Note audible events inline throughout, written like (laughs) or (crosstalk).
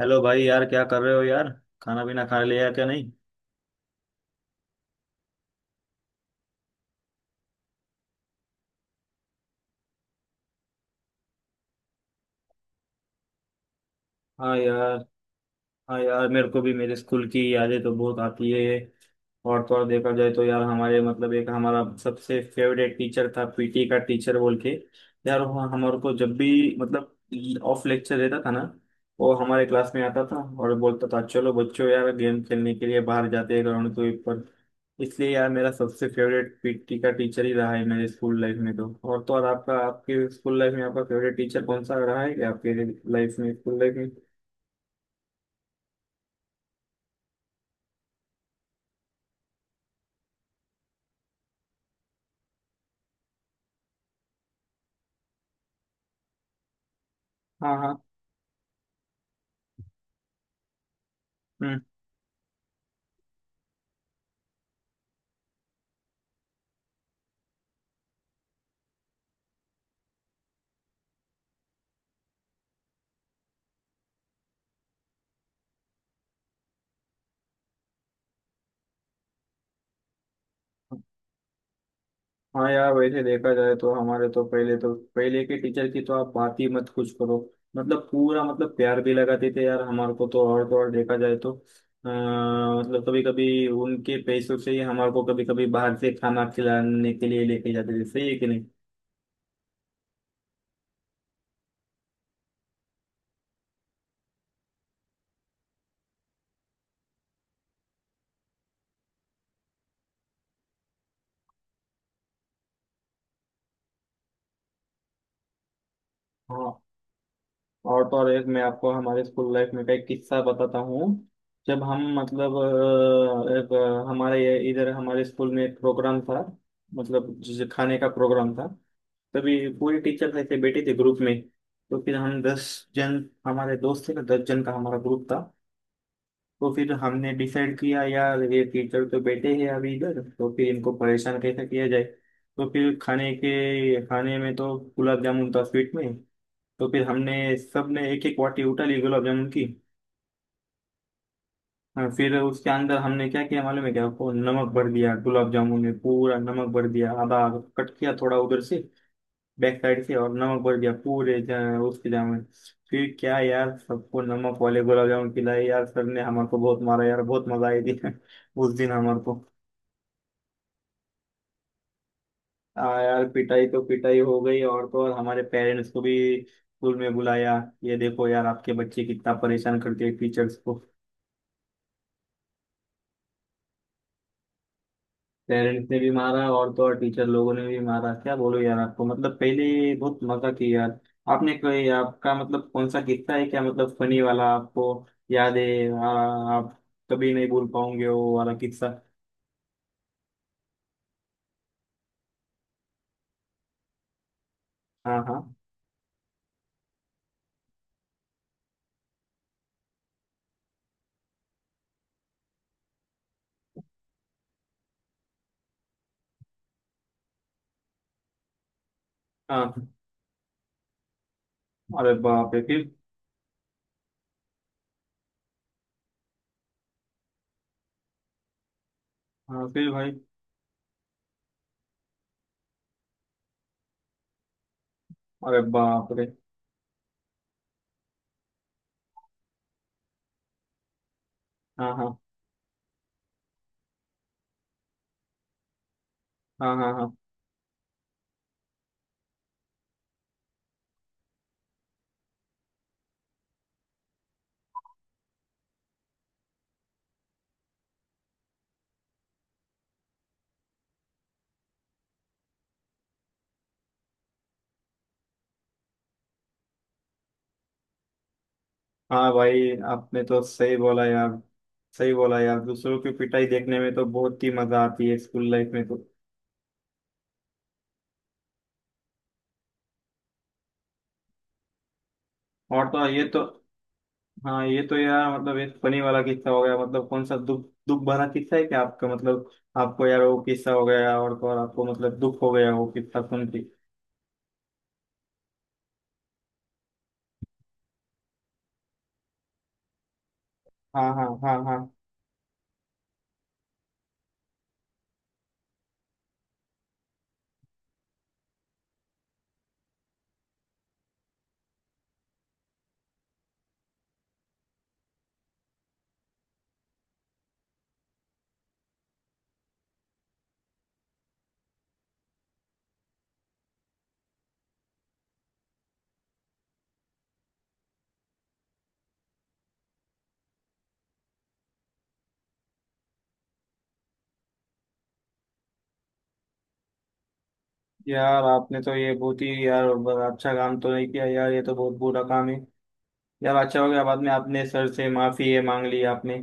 Hello भाई यार, क्या कर रहे हो यार। खाना पीना खा लिया क्या? नहीं। हाँ यार। हाँ यार, मेरे को भी मेरे स्कूल की यादें तो बहुत आती है। और तो और देखा जाए तो यार हमारे मतलब एक हमारा सबसे फेवरेट टीचर था, पीटी का टीचर बोल के। यार वो हमारे को जब भी मतलब ऑफ लेक्चर रहता था ना, वो हमारे क्लास में आता था और बोलता था, चलो बच्चों यार गेम खेलने के लिए बाहर जाते हैं ग्राउंड के ऊपर। इसलिए यार मेरा सबसे फेवरेट पीटी का टीचर ही रहा है मेरे स्कूल लाइफ में। तो और आपका आपके स्कूल लाइफ में आपका फेवरेट टीचर कौन सा रहा है, क्या आपके लाइफ में, स्कूल लाइफ में? हाँ हाँ। हम्म। हाँ यार, वैसे देखा जाए तो हमारे तो पहले, तो पहले के टीचर की तो आप बात ही मत कुछ करो। मतलब पूरा मतलब प्यार भी लगाते थे यार हमारे को। तो और देखा जाए तो मतलब कभी कभी उनके पैसों से ही हमारे को कभी कभी बाहर से खाना खिलाने के लिए लेके जाते थे। सही है कि नहीं? हाँ। और तो और एक मैं आपको हमारे स्कूल लाइफ में का एक किस्सा बताता हूँ। जब हम मतलब एक हमारे इधर हमारे स्कूल में एक प्रोग्राम था। मतलब जिस खाने का प्रोग्राम था, तभी पूरी टीचर ऐसे बैठी थी ग्रुप में। तो फिर हम दस जन, हमारे दोस्त थे ना, दस जन का हमारा ग्रुप था। तो फिर हमने डिसाइड किया यार ये टीचर तो बैठे हैं अभी इधर, तो फिर इनको परेशान कैसे किया जाए। तो फिर खाने में तो गुलाब जामुन था स्वीट में। तो फिर हमने सबने एक एक वाटी उठा ली गुलाब जामुन की। हाँ, फिर उसके अंदर हमने क्या किया मालूम है क्या? वो नमक भर दिया गुलाब जामुन में, पूरा नमक भर दिया, आधा कट किया थोड़ा उधर से, बैक साइड से, और नमक भर दिया पूरे उसके जाम में। फिर क्या यार सबको नमक वाले गुलाब जामुन खिलाए यार, सर ने हमारे को बहुत मारा यार, बहुत मजा आई थी (laughs) उस दिन हमारे को। आ यार, पिटाई तो पिटाई हो गई, और तो और हमारे पेरेंट्स को भी स्कूल में बुलाया, ये देखो यार आपके बच्चे कितना परेशान करते हैं टीचर्स को। पेरेंट्स ने भी मारा और तो और टीचर लोगों ने भी मारा, क्या बोलो यार आपको? मतलब पहले बहुत मजा किया यार। आपने कोई आपका मतलब कौन सा किस्सा है क्या, मतलब फनी वाला, आपको याद है? आप कभी नहीं भूल पाओगे वो वाला किस्सा। हाँ हाँ हाँ। अरे बाप रे, फिर? हाँ फिर भाई। अरे बाप रे। हाँ हाँ हाँ हाँ। हाँ हाँ भाई, आपने तो सही बोला यार। सही बोला यार, दूसरों की पिटाई देखने में तो बहुत ही मजा आती है स्कूल लाइफ में तो। और तो ये तो, हाँ ये तो यार मतलब एक फनी वाला किस्सा हो गया। मतलब कौन सा दुख दुख भरा किस्सा है क्या आपका, मतलब आपको यार वो किस्सा हो गया और तो और आपको मतलब दुख हो गया वो किस्सा सुन के? हाँ हाँ हाँ हाँ। यार आपने तो ये बहुत ही यार बड़ा अच्छा काम तो नहीं किया यार, ये तो बहुत बुरा काम है। यार अच्छा हो गया बाद में आपने सर से माफी ये मांग ली आपने।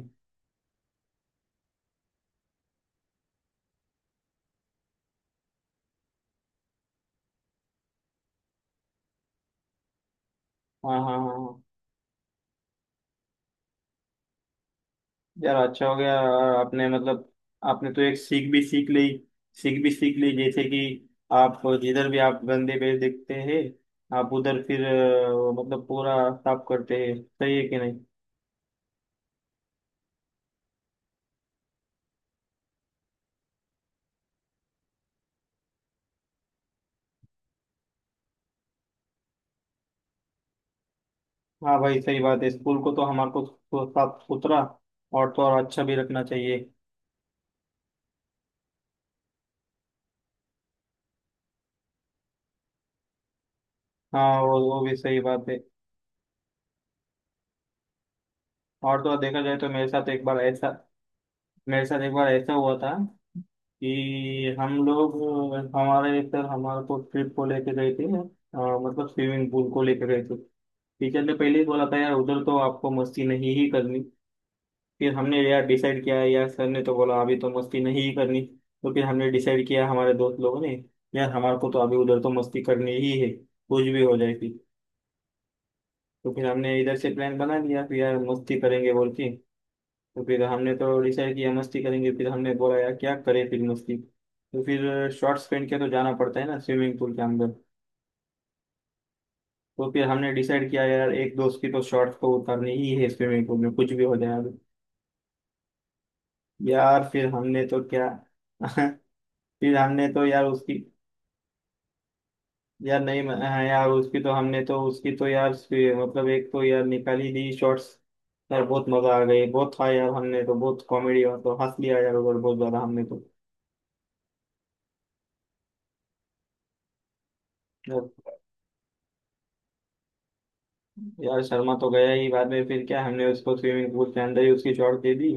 हाँ हाँ हाँ हाँ। यार अच्छा हो गया और आपने मतलब आपने तो एक सीख भी सीख ली, सीख भी सीख ली। जैसे कि आप जिधर भी आप गंदे पेड़ देखते हैं, आप उधर फिर मतलब पूरा साफ करते हैं। सही है कि नहीं? हाँ भाई सही बात है, स्कूल को तो हमारे को तो साफ सुथरा और तो और अच्छा भी रखना चाहिए। हाँ वो भी सही बात है। और तो और देखा जाए तो मेरे साथ एक बार ऐसा, मेरे साथ एक बार ऐसा हुआ था कि हम लोग, हमारे एक सर हमारे को ट्रिप को लेके गए थे मतलब स्विमिंग पूल को लेके गए थे। टीचर ने पहले ही बोला था यार उधर तो आपको मस्ती नहीं ही करनी। फिर हमने यार डिसाइड किया यार सर ने तो बोला अभी तो मस्ती नहीं ही करनी। तो फिर हमने डिसाइड किया हमारे दोस्त लोगों ने, यार हमारे को तो अभी उधर तो मस्ती करनी ही है कुछ भी हो जाए फिर। तो फिर हमने इधर से प्लान बना लिया फिर यार मस्ती करेंगे बोल के। तो फिर हमने तो डिसाइड किया मस्ती करेंगे, फिर हमने बोला यार क्या करें फिर मस्ती, तो फिर शॉर्ट्स पहन के तो जाना पड़ता है ना स्विमिंग पूल के अंदर। तो फिर हमने डिसाइड किया यार एक दोस्त की तो शॉर्ट्स को उतारनी ही है स्विमिंग पूल में, कुछ भी हो जाए अब। यार फिर हमने तो क्या (laughs) फिर हमने तो यार उसकी, यार नहीं हाँ यार उसकी तो हमने तो उसकी तो यार मतलब एक तो यार निकाली दी शॉर्ट्स। यार बहुत मजा आ गई बहुत था यार, हमने तो बहुत कॉमेडी और तो हंस लिया यार उधर बहुत ज्यादा हमने। तो यार शर्मा तो गया ही, बाद में फिर क्या हमने उसको स्विमिंग पूल के अंदर ही उसकी चोट दे दी।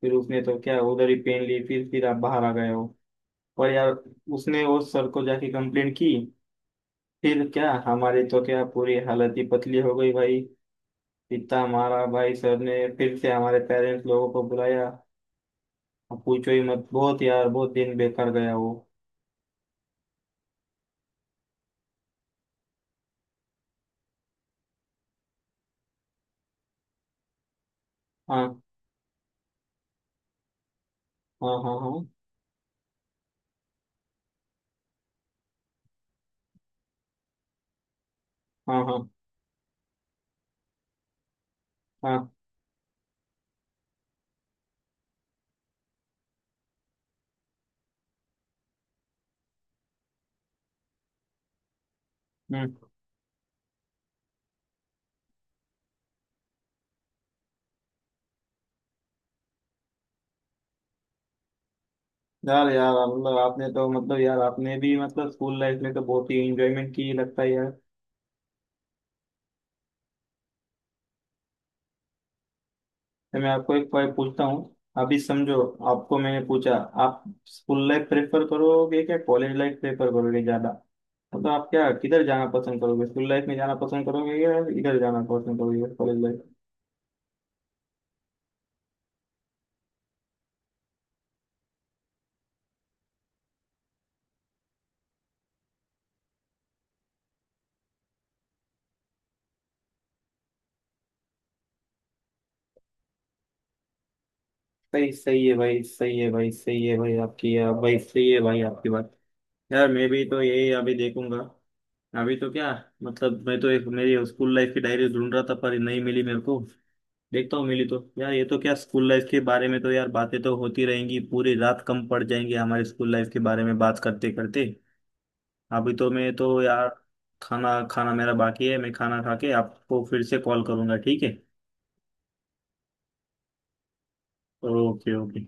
फिर उसने तो क्या उधर ही पेन ली, फिर आप बाहर आ गए हो। पर यार उसने वो सर को जाके कंप्लेंट की, फिर क्या हमारी तो क्या पूरी हालत ही पतली हो गई भाई। इतना मारा भाई सर ने, फिर से हमारे पेरेंट्स लोगों को बुलाया। अब पूछो ही मत, बहुत यार बहुत दिन बेकार गया वो। हाँ हाँ हाँ हाँ हाँ हाँ हाँ। हम्म। यार यार मतलब आपने तो मतलब यार आपने भी मतलब स्कूल लाइफ में तो बहुत ही एंजॉयमेंट की लगता है यार। मैं आपको एक पॉइंट पूछता हूँ, अभी समझो, आपको मैंने पूछा, आप स्कूल लाइफ प्रेफर करोगे क्या कॉलेज लाइफ प्रेफर करोगे ज्यादा? तो आप क्या किधर जाना पसंद करोगे, स्कूल लाइफ में जाना पसंद करोगे या इधर जाना पसंद करोगे कॉलेज लाइफ? सही, सही है भाई, सही है भाई, सही है भाई आपकी, आप भाई सही है भाई आपकी बात। यार मैं भी तो यही अभी देखूंगा, अभी तो क्या, मतलब मैं तो एक मेरी स्कूल लाइफ की डायरी ढूंढ रहा था पर नहीं मिली मेरे को, देखता हूँ मिली तो। यार ये तो क्या स्कूल लाइफ के बारे में तो यार बातें तो होती रहेंगी, पूरी रात कम पड़ जाएंगी हमारे स्कूल लाइफ के बारे में बात करते करते। अभी तो मैं तो यार खाना, खाना मेरा बाकी है, मैं खाना खा के आपको फिर से कॉल करूंगा, ठीक है? Okay okay.